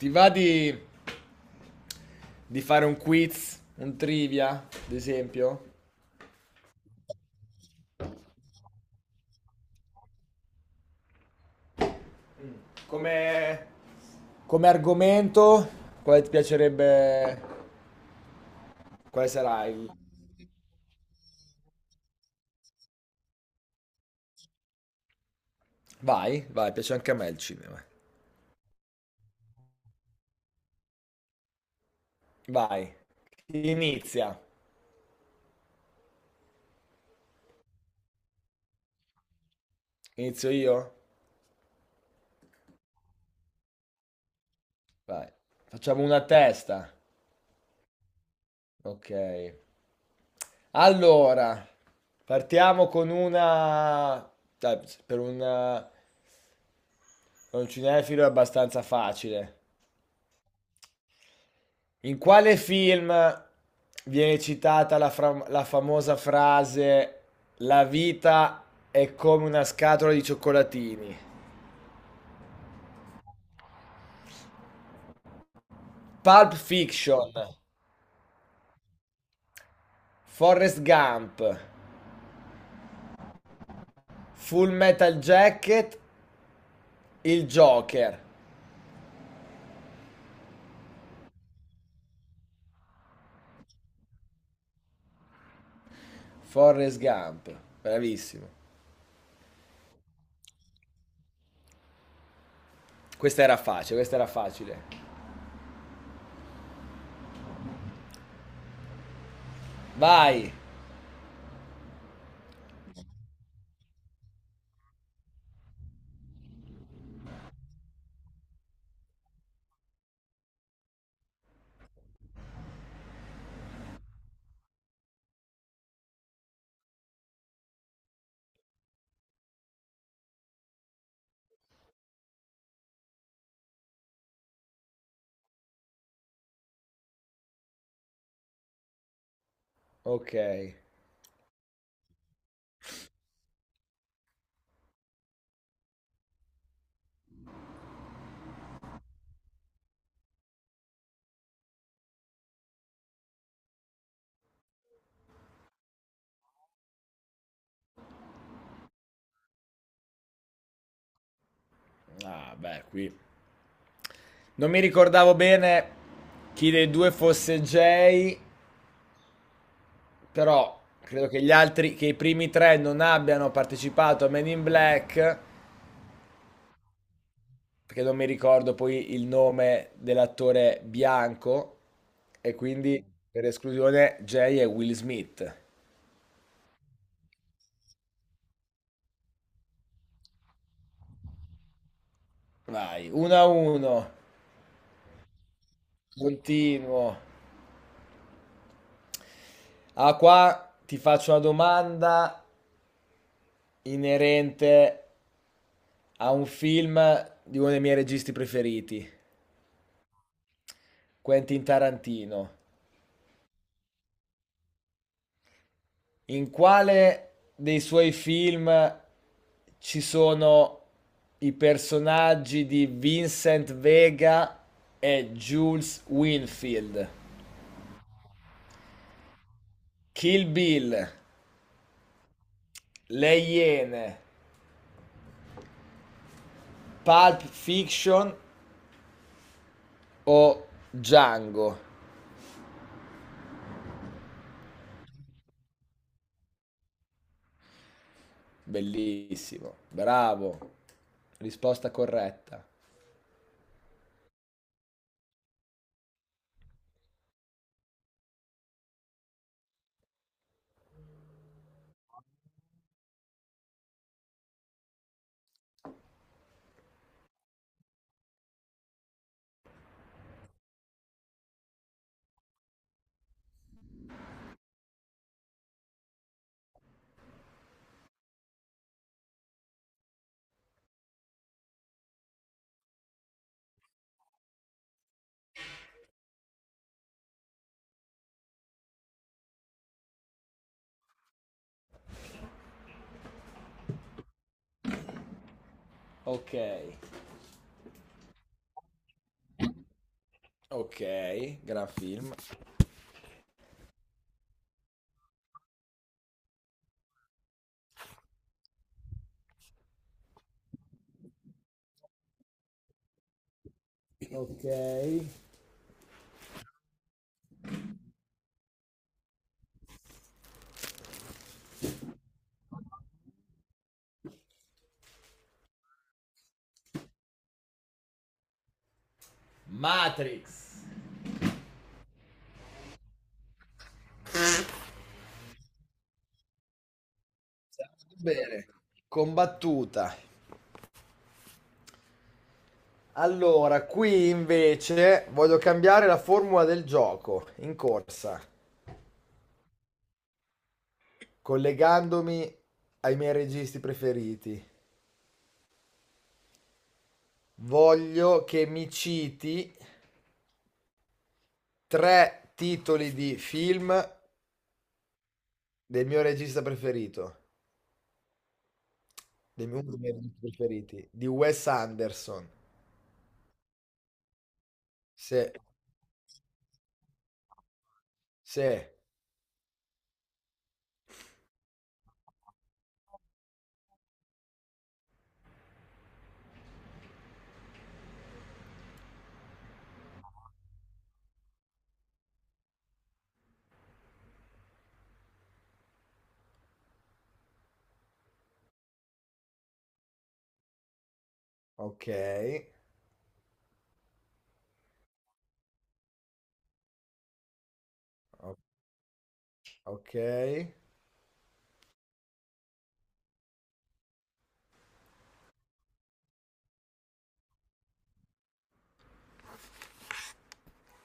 Ti va di fare un quiz, un trivia, ad esempio? Come, come argomento, quale ti piacerebbe... Quale sarà il... Vai, vai, piace anche a me il cinema. Vai. Chi inizia. Inizio io? Vai. Facciamo una a testa. Ok. Allora, partiamo con una... dai, per un cinefilo è abbastanza facile. In quale film viene citata la, la famosa frase: la vita è come una scatola di cioccolatini? Pulp Fiction, Forrest Gump, Full Metal Jacket, il Joker. Forrest Gump, bravissimo. Questa era facile, questa era facile. Vai. Ok. Ah, beh, qui. Non mi ricordavo bene chi dei due fosse Jay. Però credo che gli altri, che i primi 3 non abbiano partecipato a Men in Black, perché non mi ricordo poi il nome dell'attore bianco, e quindi per esclusione Jay e Will Smith. Vai, 1 a 1, continuo. Ah, qua ti faccio una domanda inerente a un film di uno dei miei registi preferiti, Quentin Tarantino. In quale dei suoi film ci sono i personaggi di Vincent Vega e Jules Winfield? Kill Bill, Le Iene, Pulp Fiction o Django? Bellissimo, bravo. Risposta corretta. Ok, ok, gran film. Ok. Matrix. Siamo bene, combattuta. Allora, qui invece voglio cambiare la formula del gioco in corsa, collegandomi ai miei registi preferiti. Voglio che mi citi 3 titoli di film del mio regista preferito, del mio, uno dei miei registi preferiti, di Wes Anderson. Se, se, ok, o- ok.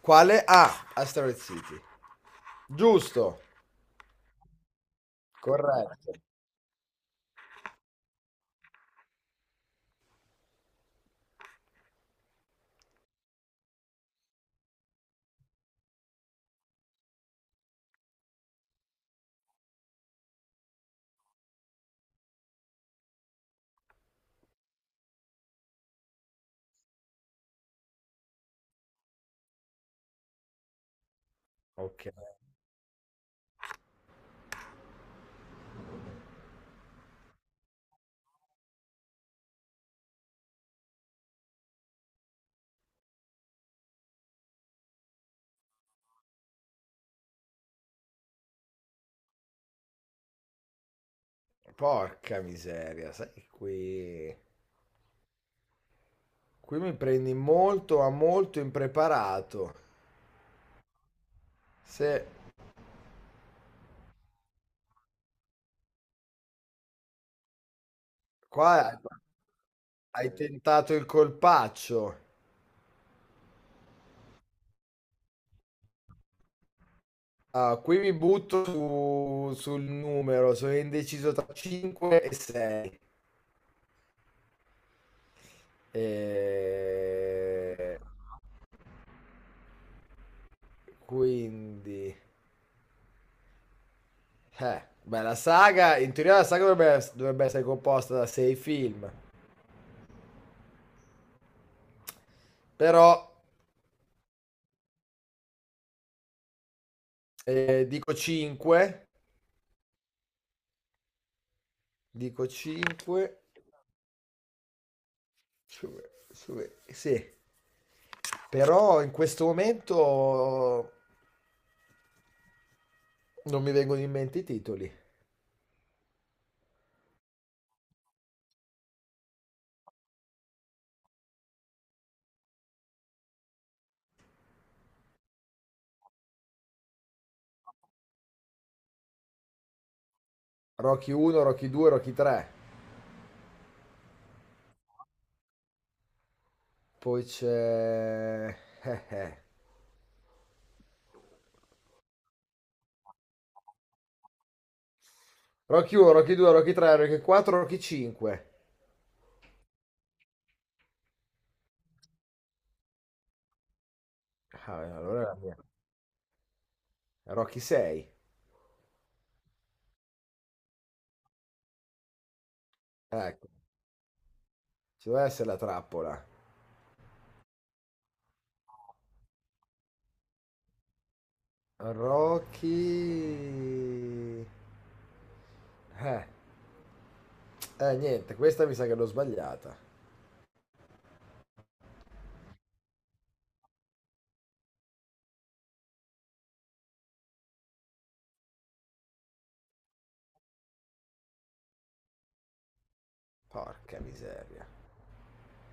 Quale? Asteroid City. Giusto. Corretto. Ok. Porca miseria, sai che qui... Qui mi prendi molto, ma molto impreparato. Se qua hai hai tentato il colpaccio. Ah, qui mi butto sul numero, sono indeciso tra 5 e 6. E... Quindi... beh, la saga, in teoria la saga dovrebbe essere composta da 6 film, però eh, dico 5, dico 5, sì. Però in questo momento non mi vengono in mente i titoli. Rocky 1, Rocky 2, Rocky 3. Poi c'è... eh, eh. Rocky 1, Rocky 2, Rocky 3, Rocky 4, Rocky 5. Ah, allora è la mia. Rocky 6. Ecco, ci deve essere la trappola. Rocky... Eh, niente, questa mi sa che l'ho sbagliata. Porca miseria.